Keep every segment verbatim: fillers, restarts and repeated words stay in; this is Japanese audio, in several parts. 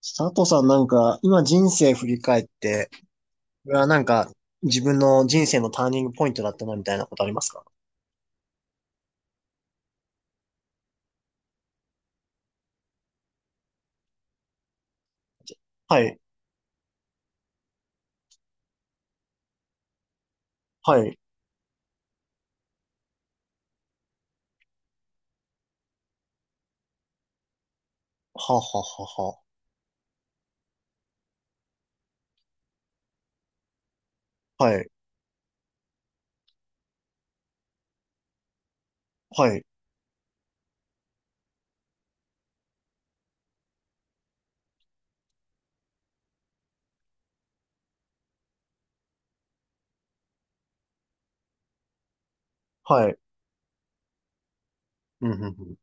佐藤さんなんか、今人生振り返って、これはなんか、自分の人生のターニングポイントだったなみたいなことありますか？はい、はい、はははは、はい、はい、はい、うん、うん、うん、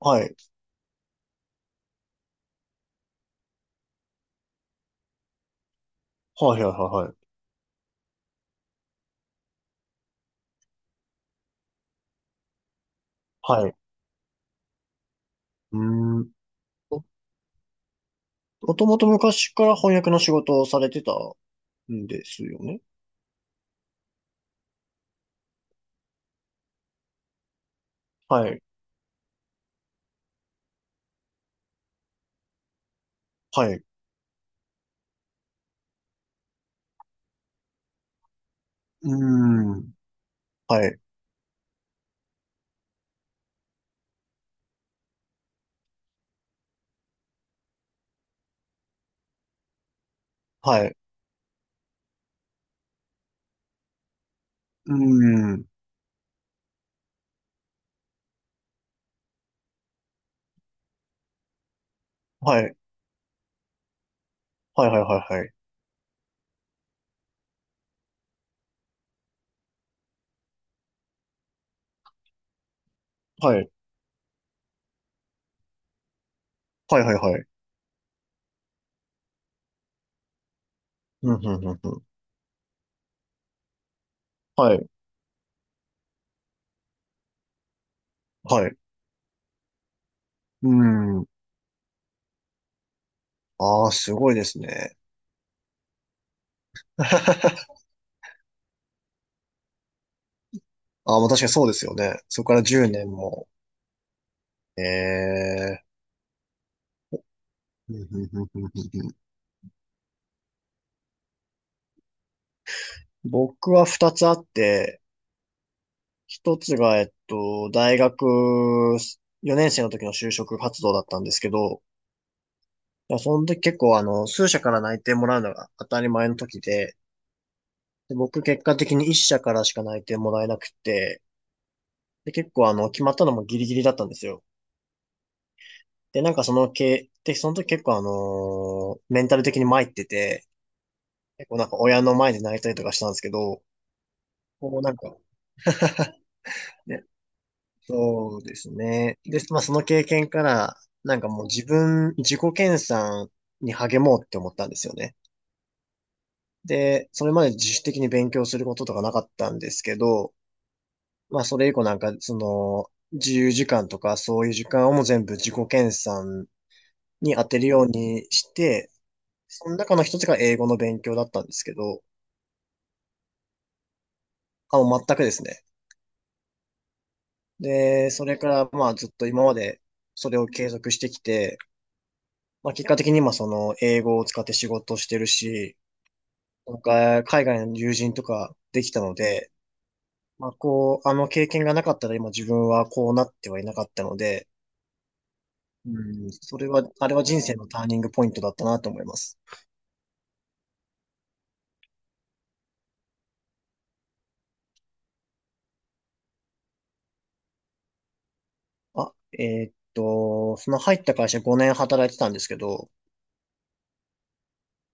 はい、はい、はい、はい、はい、うーん。ももともと昔から翻訳の仕事をされてたんですよね？はい、はい、うーん、はい、はい、うーん、はい、はい、はい、はい、はい、はい、はい、はい、はい、うん、うん、うん、うん、はい、はい、うーん。ああ、すごいですね。ああ、もう確かにそうですよね。そこからじゅうねんも。ええ。ふんふんふんふんふんふん。僕はふたつあって、ひとつが、えっと、大学よねん生の時の就職活動だったんですけど、いやその時結構あの、数社から内定もらうのが当たり前の時で、で僕結果的にいっしゃ社からしか内定もらえなくて、で結構あの、決まったのもギリギリだったんですよ。で、なんかそのけ、で、その時結構あのーメンタル的に参ってて、結構なんか親の前で泣いたりとかしたんですけど、こうなんか、ね、そうですね。で、まあその経験から、なんかもう自分、自己研鑽に励もうって思ったんですよね。で、それまで自主的に勉強することとかなかったんですけど、まあそれ以降なんか、その、自由時間とかそういう時間をもう全部自己研鑽に当てるようにして、その中の一つが英語の勉強だったんですけど、あ、もう全くですね。で、それからまあずっと今までそれを継続してきて、まあ結果的に今その英語を使って仕事をしてるし、なんか海外の友人とかできたので、まあこう、あの経験がなかったら今自分はこうなってはいなかったので、うん、それは、あれは人生のターニングポイントだったなと思います。あ、えーっと、その入った会社ごねん働いてたんですけど、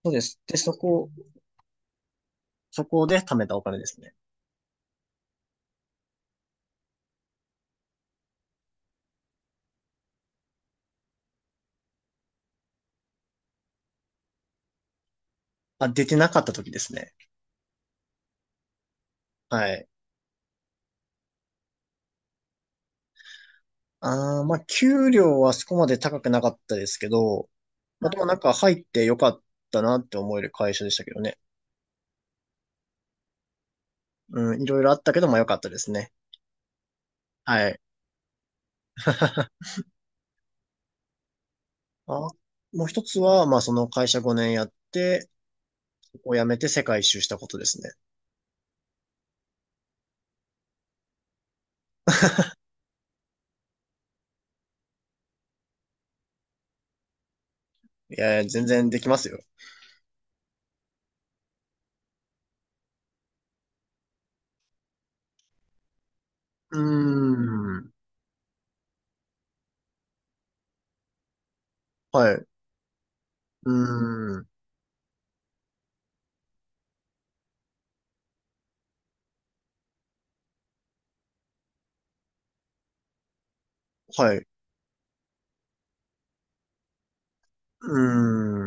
そうです。で、そこ、そこで貯めたお金ですね。あ、出てなかった時ですね。はい。ああ、まあ、給料はそこまで高くなかったですけど、まあ、でもなんか入ってよかったなって思える会社でしたけどね。うん、いろいろあったけど、まあ、よかったですね。はい。あ、もう一つは、まあ、その会社ごねんやって、そこを辞めて世界一周したことですね。いやいや、全然できますよ。うーん。はい。うーん。はい。う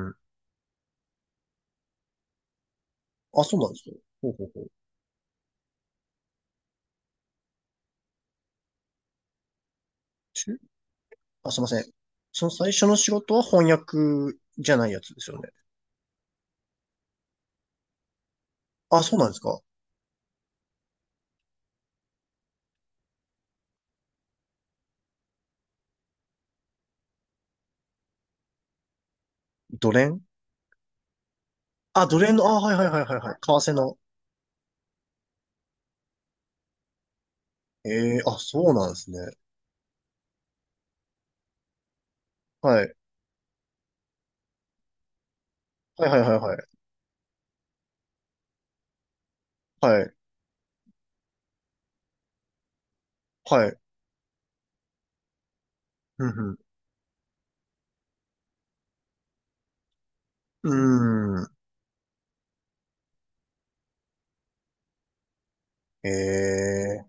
ーん。あ、そうなんですよ。ほうほうほう。しあ、すいません。その最初の仕事は翻訳じゃないやつですよね。あ、そうなんですか。ドレン。あ、ドレンの、あ、はいはいはいはいはい。為替の。ええ、あ、そうなんですね。はい。はいはいはいはい。はい。はい。うんうん。うーん。ええ、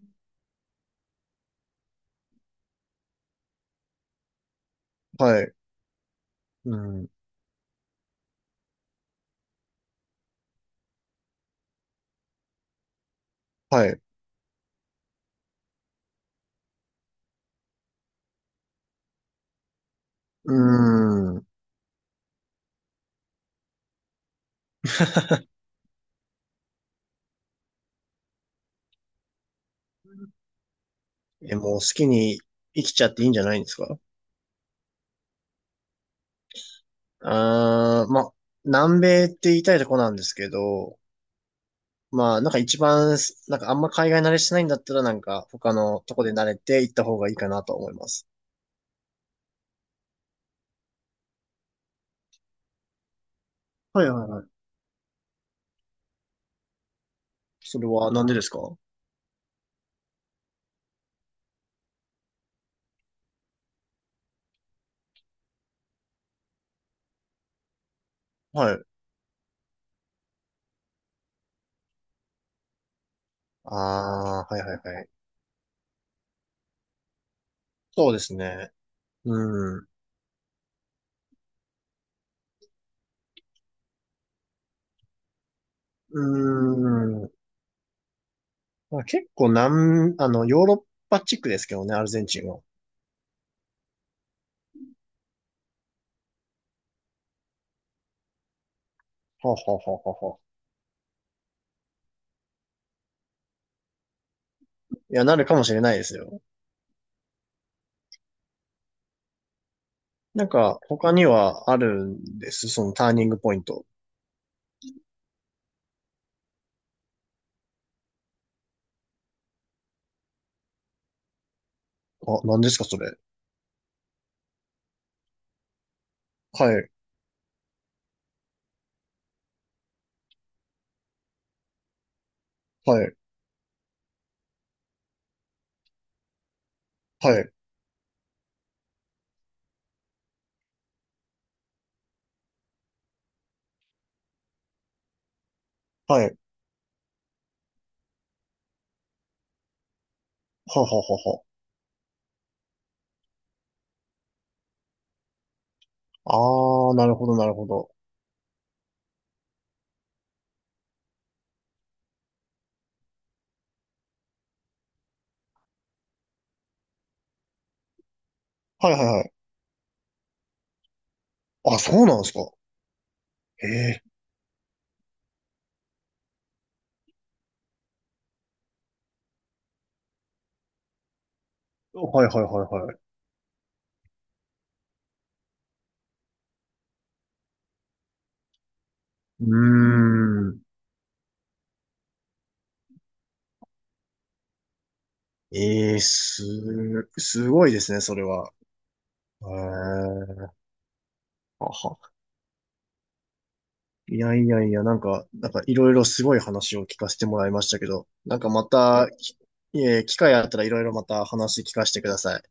はい。うん。はい。うーん。え、もう好きに生きちゃっていいんじゃないんですか？あー、ま、南米って言いたいとこなんですけど、まあ、なんか一番す、なんかあんま海外慣れしてないんだったらなんか他のとこで慣れて行った方がいいかなと思います。はいはいはい。それはなんでですか？はい。ああ、はいはいはい。そうですね。うん。うん。まあ、結構なん、あの、ヨーロッパ地区ですけどね、アルゼンチンは。ははははは。いや、なるかもしれないですよ。なんか、他にはあるんですそのターニングポイント？あ、何ですか、それ。はい、はい、はい、はい。ははははは。ああ、なるほど、なるほど。はいはいはい。あ、そうなんですか。へえ。はいはいはいはい。うーん。ええ、す、すごいですね、それは。へえ、はは。いやいやいや、なんか、なんかいろいろすごい話を聞かせてもらいましたけど、なんかまた、きいえ、機会あったらいろいろまた話聞かせてください。